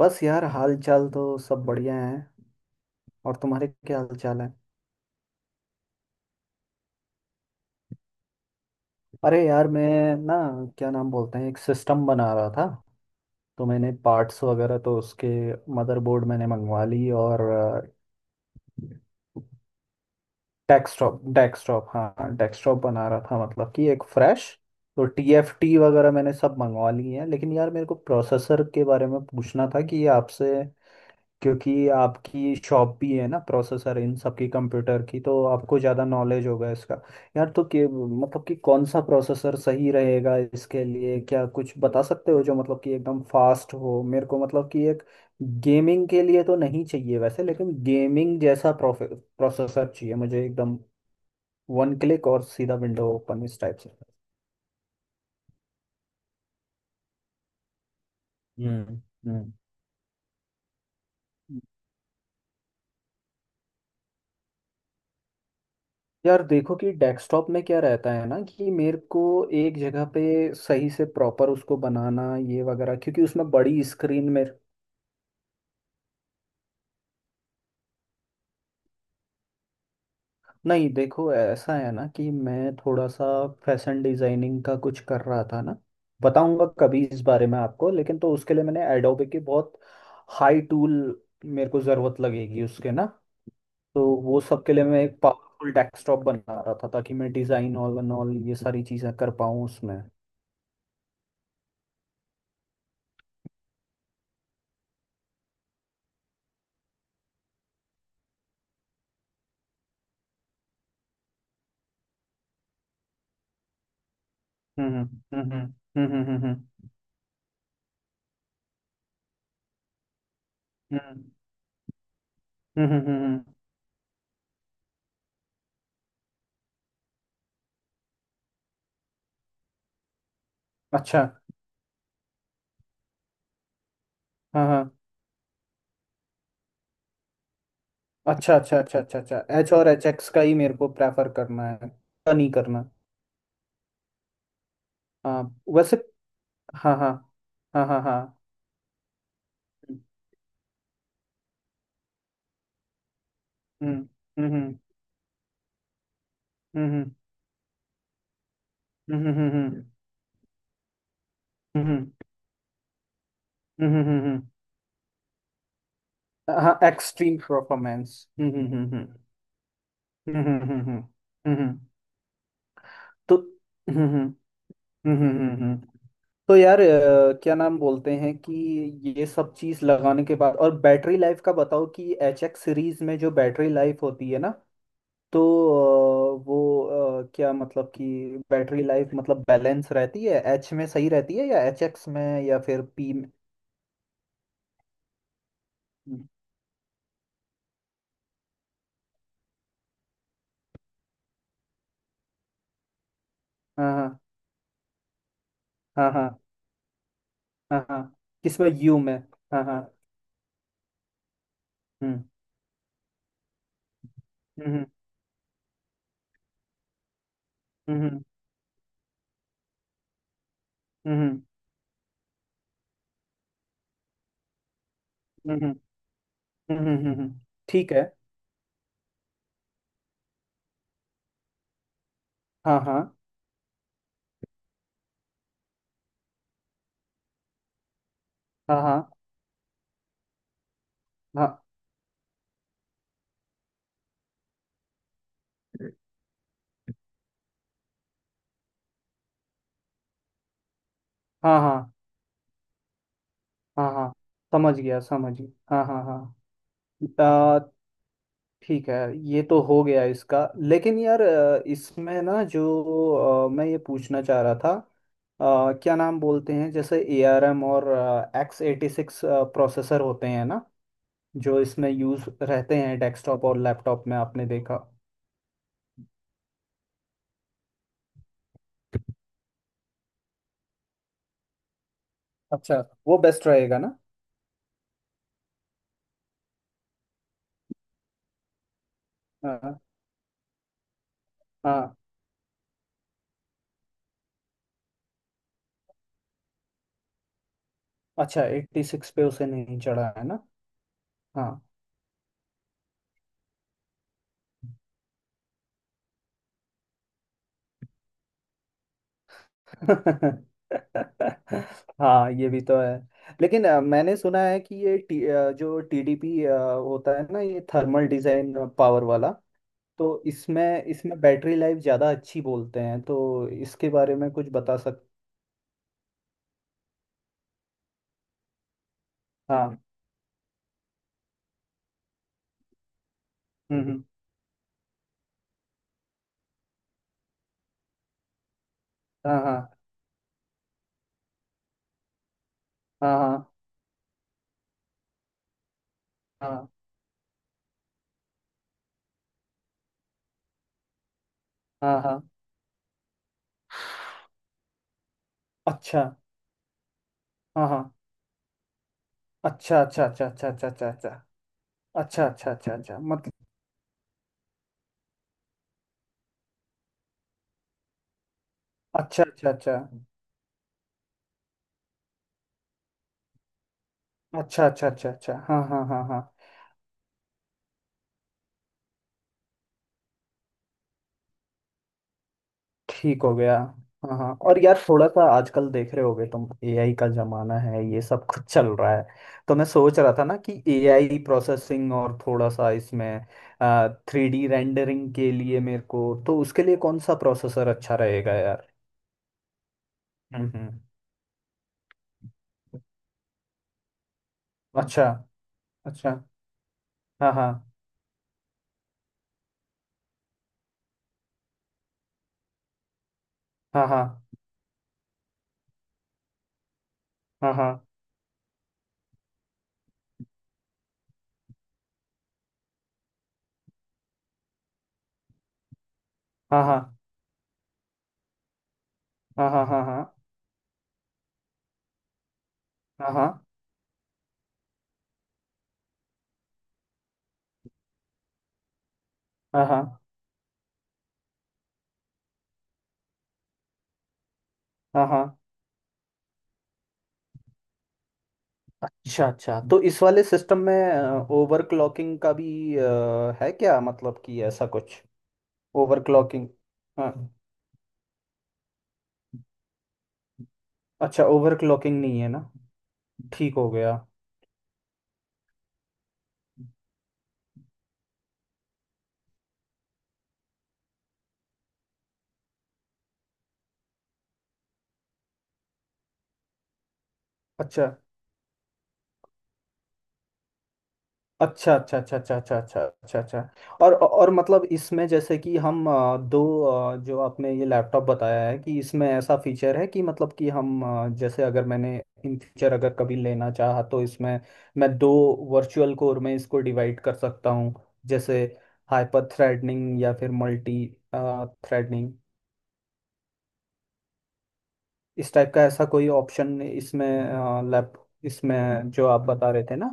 बस यार, हाल चाल तो सब बढ़िया है। और तुम्हारे क्या हाल चाल है। अरे यार, मैं ना क्या नाम बोलते हैं, एक सिस्टम बना रहा था। तो मैंने पार्ट्स वगैरह तो उसके मदरबोर्ड मैंने मंगवा ली। और डेस्कटॉप, डेस्कटॉप हाँ, डेस्कटॉप बना रहा था मतलब कि एक फ्रेश। तो टीएफटी वगैरह मैंने सब मंगवा ली है, लेकिन यार मेरे को प्रोसेसर के बारे में पूछना था कि आपसे। क्योंकि आपकी शॉप भी है ना प्रोसेसर इन सब की, कंप्यूटर की, तो आपको ज़्यादा नॉलेज होगा इसका। यार तो कि मतलब कि कौन सा प्रोसेसर सही रहेगा इसके लिए, क्या कुछ बता सकते हो जो मतलब कि एकदम फास्ट हो। मेरे को मतलब कि एक गेमिंग के लिए तो नहीं चाहिए वैसे, लेकिन गेमिंग जैसा प्रोसेसर चाहिए मुझे, एकदम 1 क्लिक और सीधा विंडो ओपन इस टाइप से। हम्म। हम्म। यार देखो कि डेस्कटॉप में क्या रहता है ना कि मेरे को एक जगह पे सही से प्रॉपर उसको बनाना ये वगैरह, क्योंकि उसमें बड़ी स्क्रीन में। नहीं देखो, ऐसा है ना कि मैं थोड़ा सा फैशन डिजाइनिंग का कुछ कर रहा था ना, बताऊंगा कभी इस बारे में आपको, लेकिन तो उसके लिए मैंने एडोबे के बहुत हाई टूल मेरे को ज़रूरत लगेगी उसके ना। तो वो सब के लिए मैं एक पावरफुल डेस्कटॉप बना रहा था, ताकि मैं डिज़ाइन ऑल एंड ऑल ये सारी चीज़ें कर पाऊँ उसमें। हम्म हम्म हम्म हम्म हम्म हम्म, हम्म। हम्म हम्म हम्म, हम्म, हम्म, अच्छा। हाँ हाँ। अच्छा अच्छा अच्छा अच्छा अच्छा, एच और एच एक्स का ही मेरे को प्रेफर करना है, पता नहीं करना। हाँ, वैसे हाँ हाँ। हाँ हाँ हाँ। हम्म। हम्म। हम्म हम्म। हम्म। हम्म, हम्म। हम्म। हाँ, एक्सट्रीम परफॉर्मेंस। हम्म। तो हम्म। हम्म हम्म, हम्म, हम्म, हम्म। तो यार क्या नाम बोलते हैं कि ये सब चीज़ लगाने के बाद, और बैटरी लाइफ का बताओ कि एच एक्स सीरीज में जो बैटरी लाइफ होती है ना, तो वो क्या मतलब कि बैटरी लाइफ मतलब बैलेंस रहती है एच में सही रहती है, या एच एक्स में या फिर पी में। हम्म, हाँ हाँ। हाँ हाँ। हाँ हाँ। किसमें, यू में। हाँ हाँ। हम्म। हम्म। हम्म हम्म हम्म हम्म। हम्म, हम्म, हम्म, हम्म। ठीक है। हाँ हाँ। हाँ हाँ। हाँ हाँ। हाँ हाँ हाँ। समझ गया, समझ गया, हाँ हाँ हाँ। अ, ठीक है। ये तो हो गया इसका, लेकिन यार इसमें ना जो मैं ये पूछना चाह रहा था क्या नाम बोलते हैं, जैसे ARM और x86 प्रोसेसर होते हैं ना, जो इसमें यूज़ रहते हैं, डेस्कटॉप और लैपटॉप में आपने देखा। अच्छा, वो बेस्ट रहेगा ना। हाँ हाँ। अच्छा, 86 पे उसे नहीं चढ़ा है ना। हाँ। हाँ, ये भी तो है। लेकिन मैंने सुना है कि ये जो टीडीपी होता है ना, ये थर्मल डिजाइन पावर वाला, तो इसमें इसमें बैटरी लाइफ ज़्यादा अच्छी बोलते हैं, तो इसके बारे में कुछ बता सक। हाँ। हम्म हम्म, हाँ हाँ। हाँ हाँ। हाँ हाँ। हाँ अच्छा। हाँ हाँ। अच्छा अच्छा अच्छा अच्छा अच्छा। अच्छा अच्छा अच्छा अच्छा अच्छा अच्छा मतलब, अच्छा अच्छा अच्छा। अच्छा अच्छा अच्छा अच्छा। हाँ हाँ हाँ हाँ। ठीक हो गया। हाँ हाँ, और यार थोड़ा सा आजकल देख रहे होगे तुम एआई का जमाना है, ये सब कुछ चल रहा है। तो मैं सोच रहा था ना कि एआई प्रोसेसिंग और थोड़ा सा इसमें 3D रेंडरिंग के लिए मेरे को, तो उसके लिए कौन सा प्रोसेसर अच्छा रहेगा यार। हम्म। अच्छा। अच्छा। हाँ हाँ। हाँ हाँ हाँ हाँ हाँ। हाँ। हाँ हाँ हाँ हाँ हाँ। हाँ हाँ। हाँ हाँ। अच्छा अच्छा, तो इस वाले सिस्टम में ओवरक्लॉकिंग का भी है क्या, मतलब कि ऐसा कुछ ओवरक्लॉकिंग। हाँ। अच्छा, ओवरक्लॉकिंग नहीं है ना। ठीक हो गया। अच्छा अच्छा अच्छा अच्छा अच्छा अच्छा अच्छा अच्छा अच्छा। और मतलब इसमें जैसे कि हम दो जो आपने ये लैपटॉप बताया है कि इसमें ऐसा फीचर है कि मतलब कि हम जैसे अगर मैंने इन फ्यूचर अगर कभी लेना चाहा तो इसमें मैं दो वर्चुअल कोर में इसको डिवाइड कर सकता हूँ, जैसे हाइपर थ्रेडनिंग या फिर मल्टी थ्रेडनिंग इस टाइप का ऐसा कोई ऑप्शन इसमें लैप, इसमें जो आप बता रहे थे ना।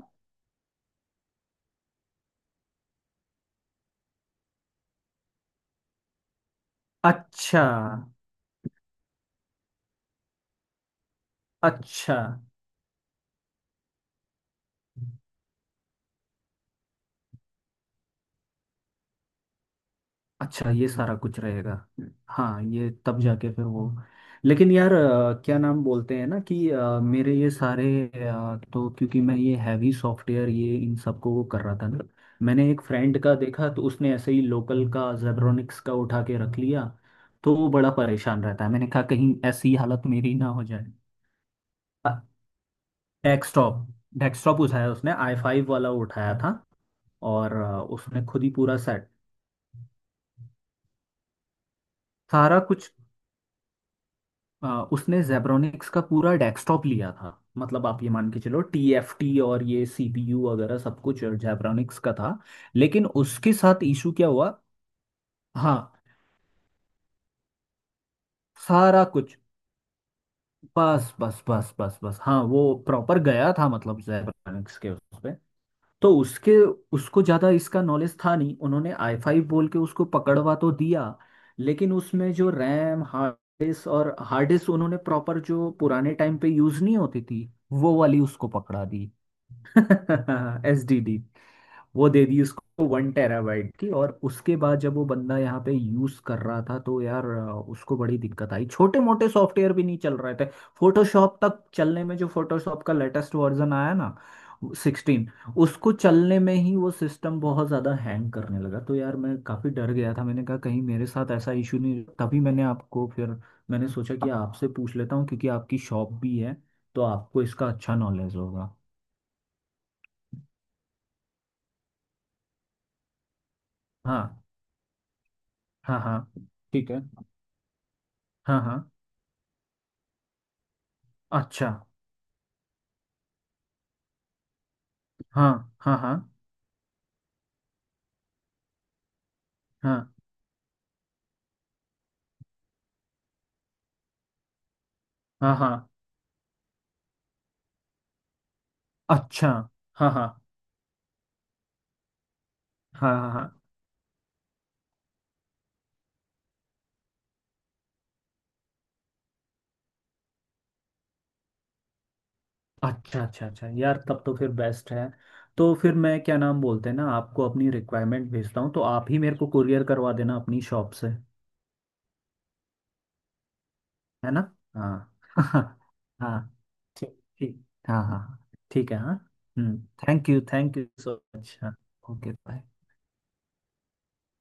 अच्छा अच्छा अच्छा, ये सारा कुछ रहेगा। हाँ, ये तब जाके फिर वो। लेकिन यार क्या नाम बोलते हैं ना कि मेरे ये सारे तो क्योंकि मैं ये हैवी सॉफ्टवेयर ये इन सबको वो कर रहा था ना, मैंने एक फ्रेंड का देखा तो उसने ऐसे ही लोकल का जेब्रोनिक्स का उठा के रख लिया। तो वो बड़ा परेशान रहता है, मैंने कहा कहीं ऐसी हालत मेरी ना हो जाए। डेस्कटॉप, डेस्कटॉप उठाया उसने, i5 वाला उठाया था। और उसने खुद ही पूरा सेट, सारा कुछ। उसने जेब्रोनिक्स का पूरा डेस्कटॉप लिया था, मतलब आप ये मान के चलो टीएफटी और ये सीपीयू वगैरह सब कुछ जेब्रोनिक्स का था। लेकिन उसके साथ इशू क्या हुआ, हाँ, सारा कुछ। बस बस बस बस बस, हाँ वो प्रॉपर गया था मतलब जेब्रोनिक्स के उस पे। तो उसके, उसको ज़्यादा इसका नॉलेज था नहीं, उन्होंने i5 बोल के उसको पकड़वा तो दिया। लेकिन उसमें जो रैम, हार्ड डिस्क, और हार्ड डिस्क उन्होंने प्रॉपर जो पुराने टाइम पे यूज़ नहीं होती थी वो वाली उसको पकड़ा दी। SDD, वो दे दी उसको, 1 टेराबाइट की। और उसके बाद जब वो बंदा यहाँ पे यूज कर रहा था तो यार उसको बड़ी दिक्कत आई, छोटे मोटे सॉफ्टवेयर भी नहीं चल रहे थे। फोटोशॉप तक चलने में, जो फोटोशॉप का लेटेस्ट वर्जन आया ना, 16, उसको चलने में ही वो सिस्टम बहुत ज़्यादा हैंग करने लगा। तो यार मैं काफ़ी डर गया था, मैंने कहा कहीं मेरे साथ ऐसा इशू नहीं, तभी मैंने आपको फिर, मैंने सोचा कि आपसे पूछ लेता हूँ, क्योंकि आपकी शॉप भी है तो आपको इसका अच्छा नॉलेज होगा। हाँ हाँ हाँ। ठीक है। हाँ हाँ। अच्छा। हाँ हाँ हाँ हाँ। हाँ हाँ। अच्छा। हाँ हाँ। हाँ हाँ हाँ। अच्छा अच्छा अच्छा, यार तब तो फिर बेस्ट है। तो फिर मैं क्या नाम बोलते हैं ना आपको अपनी रिक्वायरमेंट भेजता हूँ, तो आप ही मेरे को कुरियर करवा देना अपनी शॉप से, है ना। हाँ। हाँ हाँ। ठीक ठीक हाँ हाँ हाँ, ठीक है हाँ। हम्म। Thank you, thank you so much, हाँ। Okay, bye.